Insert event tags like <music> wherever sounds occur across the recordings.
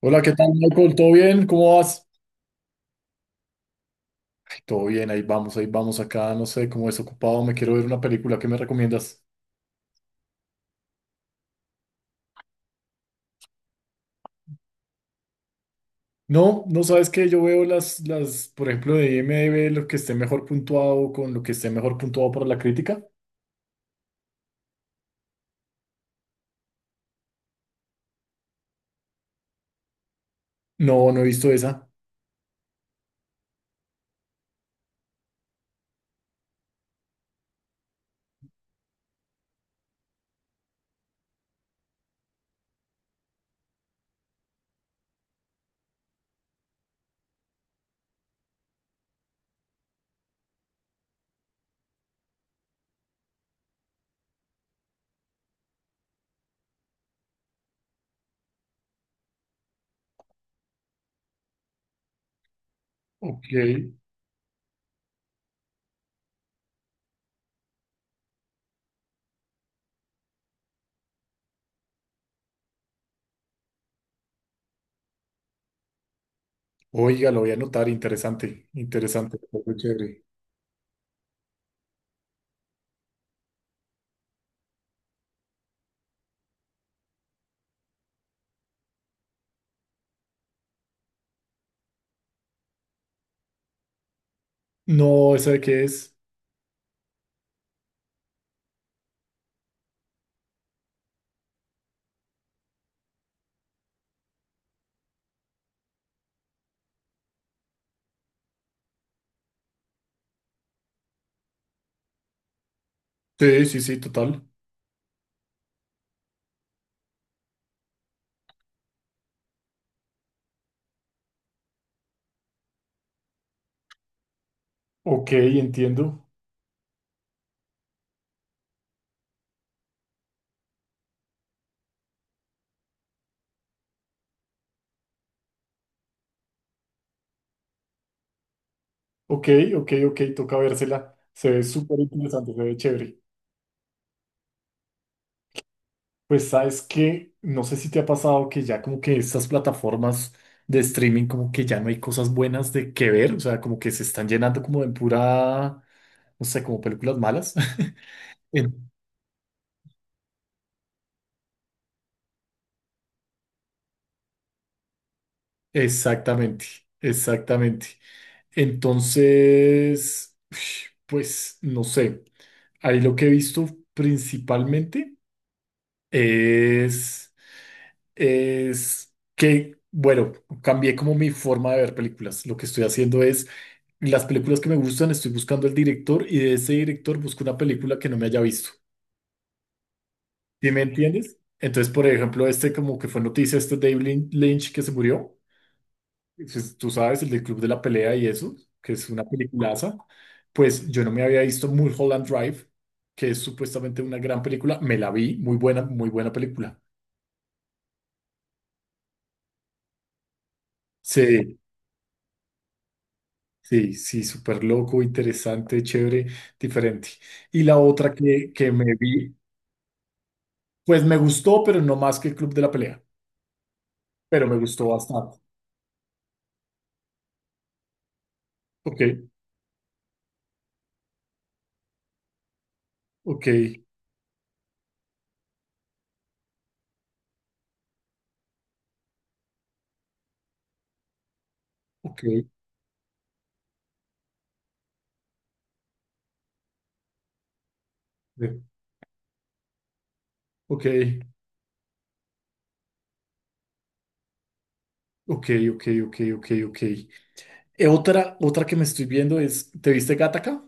Hola, ¿qué tal, Michael? ¿Todo bien? ¿Cómo vas? Todo bien, ahí vamos acá, no sé, como desocupado, me quiero ver una película, ¿qué me recomiendas? No, no sabes que yo veo las, por ejemplo, de IMDb, lo que esté mejor puntuado con lo que esté mejor puntuado para la crítica. No, no he visto esa. Ok. Oiga, lo voy a anotar, interesante, interesante, algo chévere. No, ¿esa de qué es? Sí, sí, sí, total. Ok, entiendo. Ok, ok, ok, toca vérsela. Se ve súper interesante, se ve chévere. Pues sabes que no sé si te ha pasado que ya como que estas plataformas de streaming como que ya no hay cosas buenas de que ver, o sea, como que se están llenando como de pura, no sé, como películas malas. <laughs> En- Exactamente, exactamente. Entonces, pues no sé, ahí lo que he visto principalmente es es que, bueno, cambié como mi forma de ver películas. Lo que estoy haciendo es, las películas que me gustan, estoy buscando el director y de ese director busco una película que no me haya visto. ¿Sí me entiendes? Entonces, por ejemplo, este como que fue noticia, este David Lynch que se murió, pues, tú sabes, el del Club de la Pelea y eso, que es una peliculaza, pues yo no me había visto Mulholland Drive, que es supuestamente una gran película, me la vi, muy buena película. Sí, sí, sí, súper loco, interesante, chévere, diferente. Y la otra que me vi, pues me gustó, pero no más que el Club de la Pelea, pero me gustó bastante. Ok, ok, ok, eh, ok, ok, ok, ok, ok, ok. Otra que me estoy viendo es, ¿te viste Gattaca?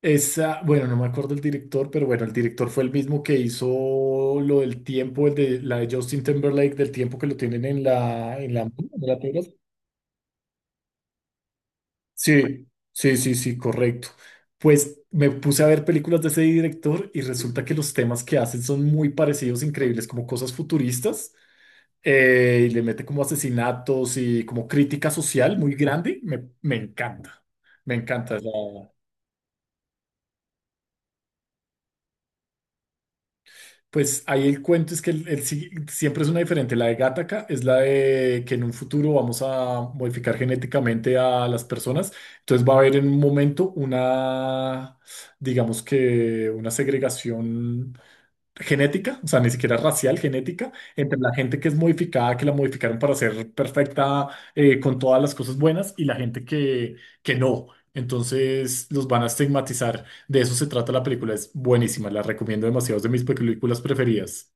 Esa, bueno, no me acuerdo el director, pero bueno, el director fue el mismo que hizo lo del tiempo, el de la de Justin Timberlake, del tiempo que lo tienen en la tierra. Sí, sí, sí, sí, correcto. Pues me puse a ver películas de ese director y resulta que los temas que hacen son muy parecidos, increíbles, como cosas futuristas, y le mete como asesinatos y como crítica social muy grande. Me encanta, me encanta. Pues ahí el cuento es que siempre es una diferente. La de Gattaca es la de que en un futuro vamos a modificar genéticamente a las personas. Entonces va a haber en un momento una, digamos que una segregación genética, o sea, ni siquiera racial, genética, entre la gente que es modificada, que la modificaron para ser perfecta, con todas las cosas buenas, y la gente que no. Entonces los van a estigmatizar. De eso se trata la película. Es buenísima. La recomiendo demasiado. Es de mis películas preferidas.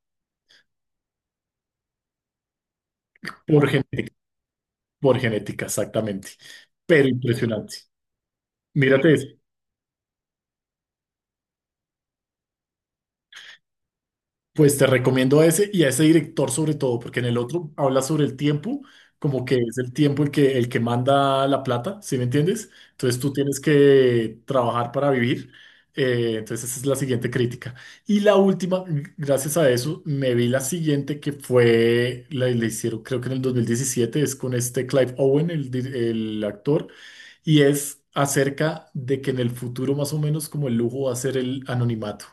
Por genética, por genética, exactamente. Pero impresionante. Mírate eso. Pues te recomiendo a ese y a ese director sobre todo, porque en el otro habla sobre el tiempo, como que es el tiempo el que manda la plata, ¿sí me entiendes? Entonces tú tienes que trabajar para vivir. Entonces esa es la siguiente crítica. Y la última, gracias a eso, me vi la siguiente que fue, la hicieron creo que en el 2017, es con este Clive Owen, el actor, y es acerca de que en el futuro más o menos como el lujo va a ser el anonimato.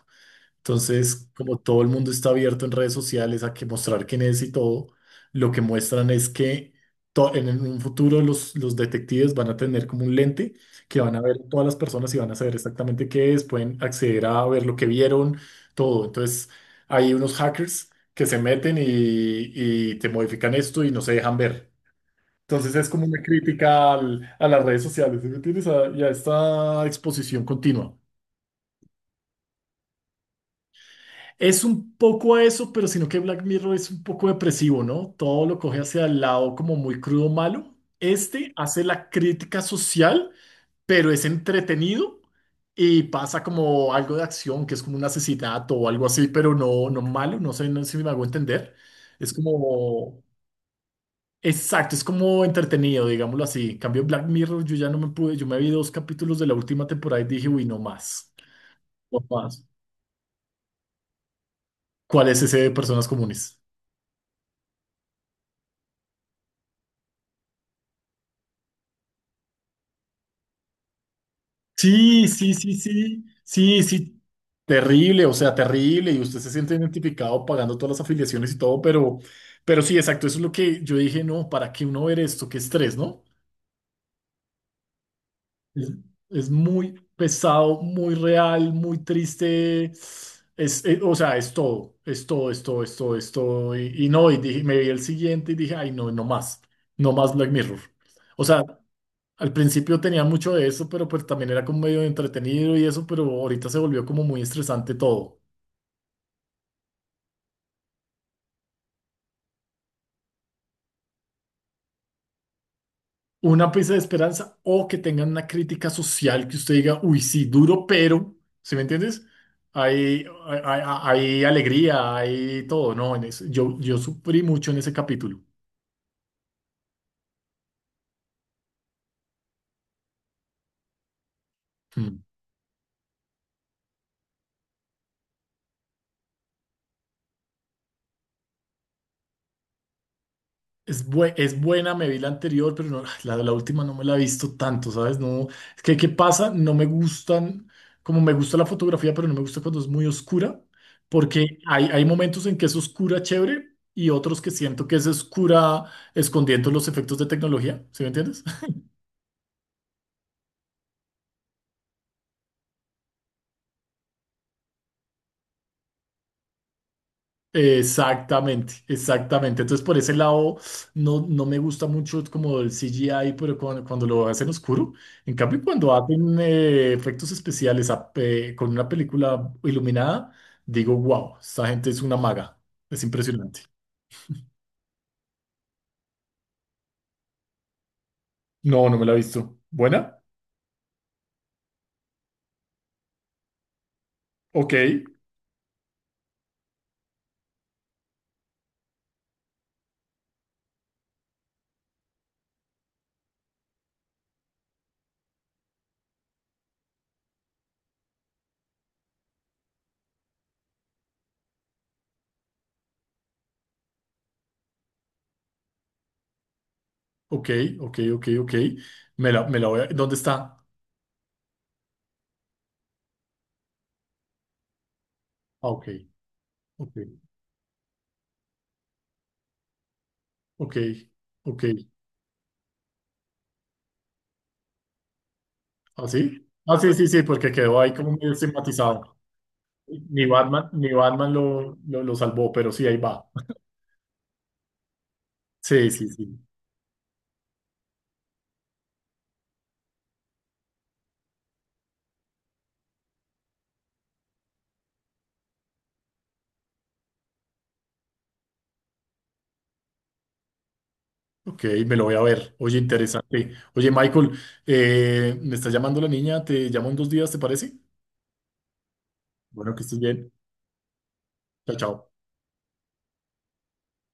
Entonces, como todo el mundo está abierto en redes sociales a que mostrar quién es y todo, lo que muestran es que en un futuro los detectives van a tener como un lente que van a ver todas las personas y van a saber exactamente qué es, pueden acceder a ver lo que vieron, todo. Entonces, hay unos hackers que se meten y te modifican esto y no se dejan ver. Entonces es como una crítica a las redes sociales, ¿sí me entiendes? Y a esta exposición continua. Es un poco a eso, pero sino que Black Mirror es un poco depresivo, ¿no? Todo lo coge hacia el lado como muy crudo, malo. Este hace la crítica social, pero es entretenido y pasa como algo de acción, que es como un asesinato o algo así, pero no, no malo, no sé si me hago entender. Es como, exacto, es como entretenido, digámoslo así. En cambio, Black Mirror, yo ya no me pude, yo me vi dos capítulos de la última temporada y dije, uy, no más, no más. ¿Cuál es ese de personas comunes? Sí, sí, sí, sí, sí, sí, terrible, o sea, terrible, y usted se siente identificado pagando todas las afiliaciones y todo, pero sí, exacto, eso es lo que yo dije, no, ¿para qué uno ver esto? Qué estrés, ¿no? Es, es muy pesado, muy real, muy triste, es, o sea, es todo, es todo, es todo, es todo, es todo, y no, y dije, me vi el siguiente y dije, ay, no, no más, no más Black Mirror. O sea, al principio tenía mucho de eso, pero pues también era como medio entretenido y eso, pero ahorita se volvió como muy estresante todo. Una pieza de esperanza o que tengan una crítica social que usted diga, uy, sí, duro, pero, ¿sí me entiendes? Hay, hay, hay- hay alegría, hay todo, ¿no? Yo sufrí mucho en ese capítulo. Mm. Es buena, me vi la anterior, pero la última no me la he visto tanto, ¿sabes? No, es que, ¿qué pasa? No me gustan, como me gusta la fotografía, pero no me gusta cuando es muy oscura, porque hay momentos en que es oscura chévere y otros que siento que es oscura escondiendo los efectos de tecnología, ¿sí me entiendes? Exactamente, exactamente. Entonces, por ese lado, no, no me gusta mucho como el CGI, pero cuando lo hacen oscuro. En cambio, cuando hacen efectos especiales con una película iluminada, digo, wow, esta gente es una maga. Es impresionante. No, no me la he visto. ¿Buena? Ok, ok, ok, ok, ok. Me la voy a... ¿Dónde está? Ah, ok, ok, ok, ok. ¿Así? Ah, sí, ah, sí, sí, sí, porque quedó ahí como medio estigmatizado. Ni Batman, ni Batman lo salvó, pero sí, ahí va. Sí, sí, sí. Ok, me lo voy a ver. Oye, interesante. Oye, Michael, me está llamando la niña, te llamo en 2 días, ¿te parece? Bueno, que estés bien. Chao, chao.